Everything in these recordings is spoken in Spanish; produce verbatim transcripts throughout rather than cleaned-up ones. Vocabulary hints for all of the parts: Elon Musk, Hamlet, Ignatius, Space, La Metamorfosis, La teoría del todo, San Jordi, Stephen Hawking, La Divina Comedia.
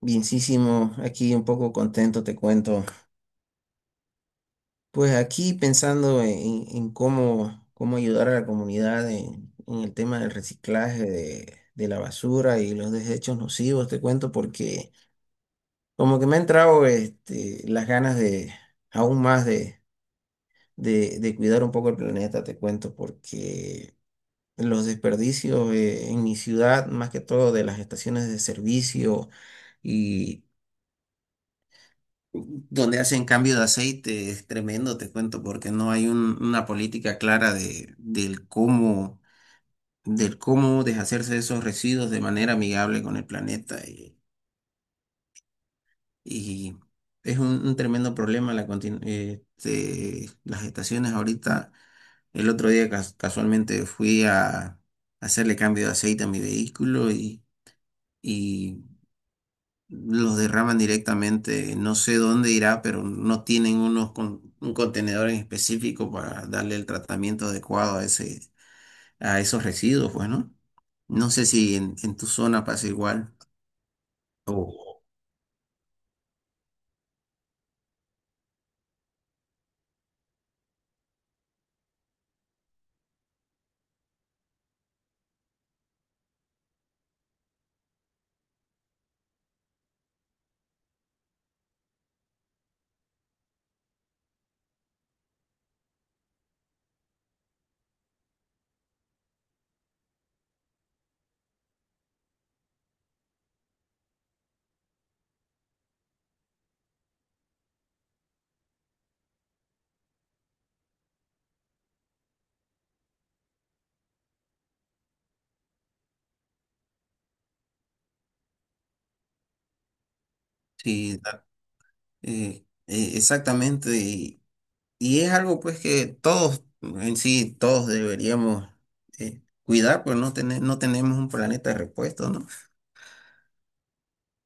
Bienísimo, aquí un poco contento, te cuento. Pues aquí pensando en, en cómo, cómo ayudar a la comunidad en, en el tema del reciclaje de, de la basura y los desechos nocivos, te cuento, porque como que me ha entrado este, las ganas de aún más de, de, de cuidar un poco el planeta, te cuento, porque los desperdicios eh, en mi ciudad, más que todo de las estaciones de servicio, donde hacen cambio de aceite es tremendo, te cuento, porque no hay un- una política clara de, del cómo, del cómo deshacerse de esos residuos de manera amigable con el planeta. Y, y es un, un tremendo problema la continu- este, las estaciones ahorita. El otro día cas- casualmente fui a hacerle cambio de aceite a mi vehículo y los derraman directamente, no sé dónde irá, pero no tienen unos con- un contenedor en específico para darle el tratamiento adecuado a ese, a esos residuos, pues, ¿no? No sé si en, en tu zona pasa igual. O Sí, da- eh, eh, exactamente. Y, y es algo pues que todos, en sí, todos deberíamos, eh, cuidar, pues no, tener, no tenemos un planeta repuesto, ¿no?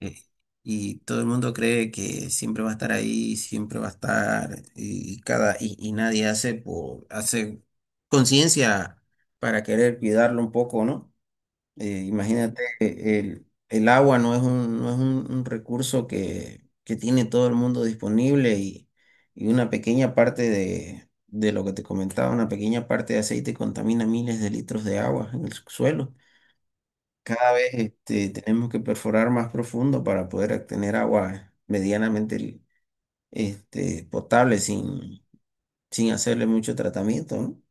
eh, y todo el mundo cree que siempre va a estar ahí, siempre va a estar, y, cada, y, y nadie hace por, hace conciencia para querer cuidarlo un poco, ¿no? Eh, imagínate, eh, el, el agua no es un, no es un, un recurso que, que tiene todo el mundo disponible, y, y una pequeña parte de, de lo que te comentaba, una pequeña parte de aceite contamina miles de litros de agua en el suelo. Cada vez, este, tenemos que perforar más profundo para poder obtener agua medianamente, este, potable sin, sin hacerle mucho tratamiento, ¿no?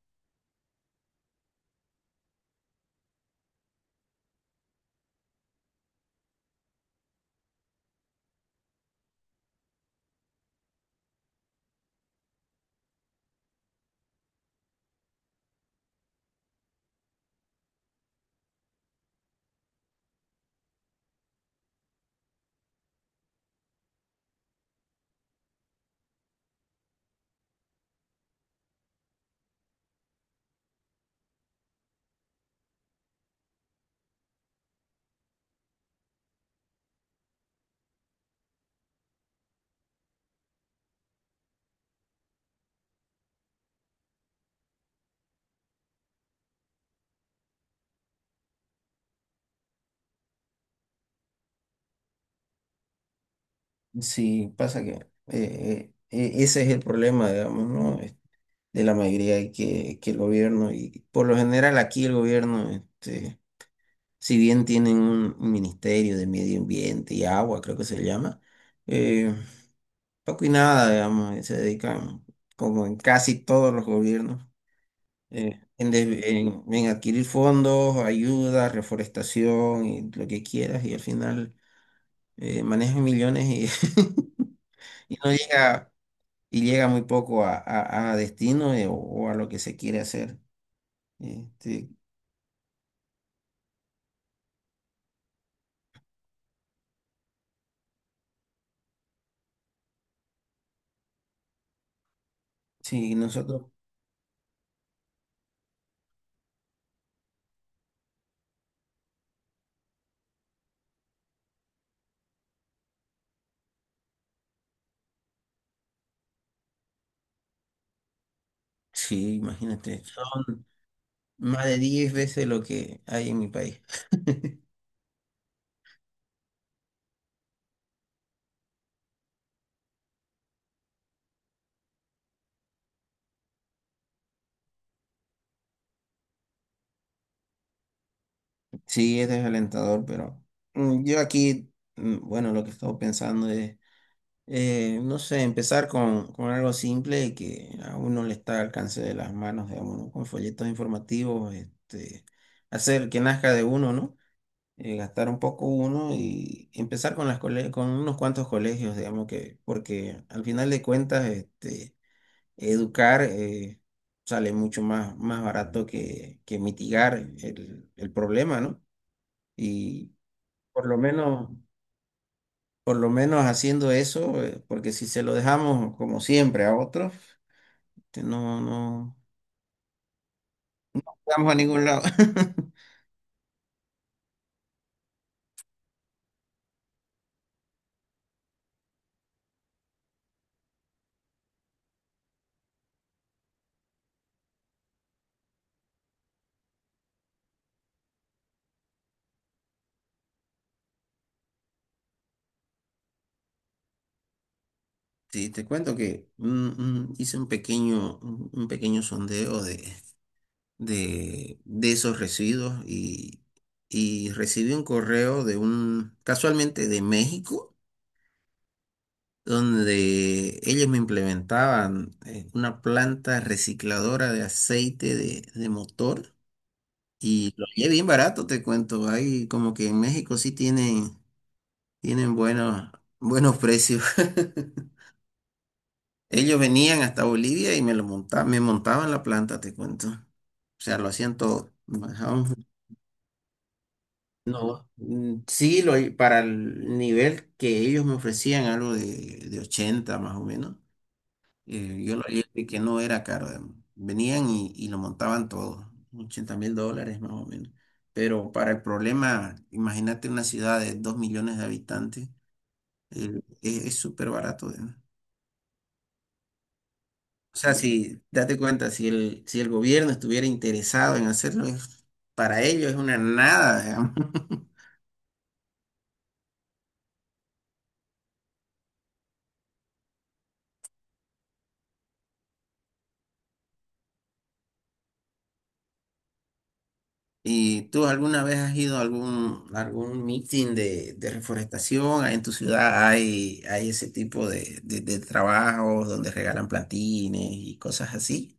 Sí, pasa que, eh, eh, e- ese es el problema, digamos, ¿no? Es- De la mayoría. Y que, que el gobierno, y por lo general aquí el gobierno, este, si bien tienen un un ministerio de medio ambiente y agua, creo que se llama, eh, poco y nada, digamos, se dedican, como en casi todos los gobiernos, eh, en, de- en- en adquirir fondos, ayuda, reforestación y lo que quieras. Y al final, eh, manejas millones y y no llega, y llega muy poco a, a- a destino, eh, o, o a lo que se quiere hacer. Este, sí, nosotros. Sí, imagínate, son más de diez veces lo que hay en mi país. Sí, es desalentador, pero, mm, yo aquí, mm, bueno, lo que he estado pensando es, Eh, no sé, empezar con, con algo simple y que a uno le está al alcance de las manos, digamos, ¿no? Con folletos informativos, este, hacer que nazca de uno, ¿no? Eh, gastar un poco uno y empezar con las cole- con unos cuantos colegios, digamos, que porque al final de cuentas, este, educar, eh, sale mucho más, más barato que, que mitigar el, el problema, ¿no? Y por lo menos por lo menos haciendo eso, eh, porque si se lo dejamos como siempre a otros, este, no, no vamos a ningún lado. Sí, te cuento que, mm, mm, hice un pequeño, un un pequeño sondeo de, de, de esos residuos, y, y recibí un correo de un, casualmente de México, donde ellos me implementaban, eh, una planta recicladora de aceite de, de motor. Y lo es bien barato, te cuento. Hay como que en México sí tienen, tienen buenos, buenos precios. Ellos venían hasta Bolivia y me lo monta- me montaban la planta, te cuento. O sea, lo hacían todo. me dejaban- No, mm, sí, lo, para el nivel que ellos me ofrecían, algo de, de ochenta más o menos. Eh, yo lo leí de que no era caro, digamos. Venían, y, y lo montaban todo, ochenta mil dólares más o menos. Pero para el problema, imagínate una ciudad de dos millones de habitantes, eh, es es súper barato, digamos. O sea, si, date cuenta, si el, si el gobierno estuviera interesado en hacerlo, es- para ellos es una nada, digamos. ¿Y tú alguna vez has ido a algún, algún meeting de, de reforestación? ¿En tu ciudad hay, hay ese tipo de, de, de trabajos donde regalan plantines y cosas así?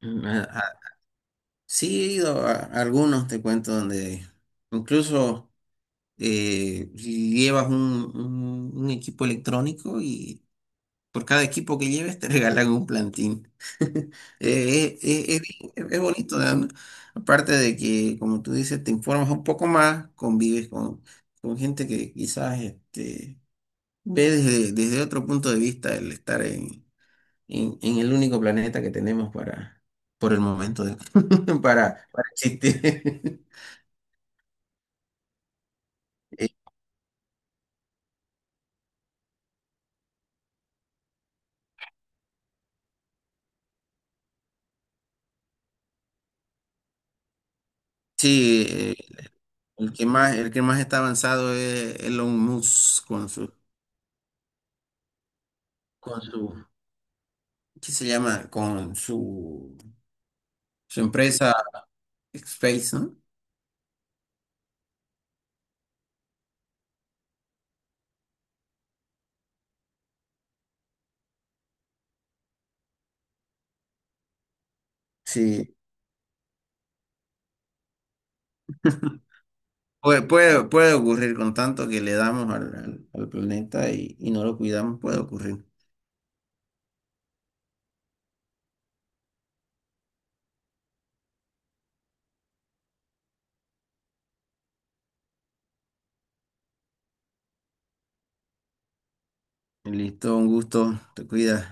Mm, a- a- sí, he ido a, a algunos, te cuento, donde incluso, eh, llevas un, un- un equipo electrónico. Y por cada equipo que lleves te regalan un plantín. Eh, eh, eh, Es, bien- es bonito, ¿no? Aparte de que, como tú dices, te informas un poco más, convives con, con gente que quizás, este, ve desde, desde otro punto de vista el estar en, en- en el único planeta que tenemos, para, por el momento, de- para, para existir. Eh, Sí, eh, el que más, el que más está avanzado es Elon Musk con su, con sus, ¿qué se llama? Con su, su empresa Space, ¿no? Sí, Puede, puede, puede ocurrir con tanto que le damos al, al- al planeta, y, y no lo cuidamos, puede ocurrir. Listo, un gusto, te cuidas.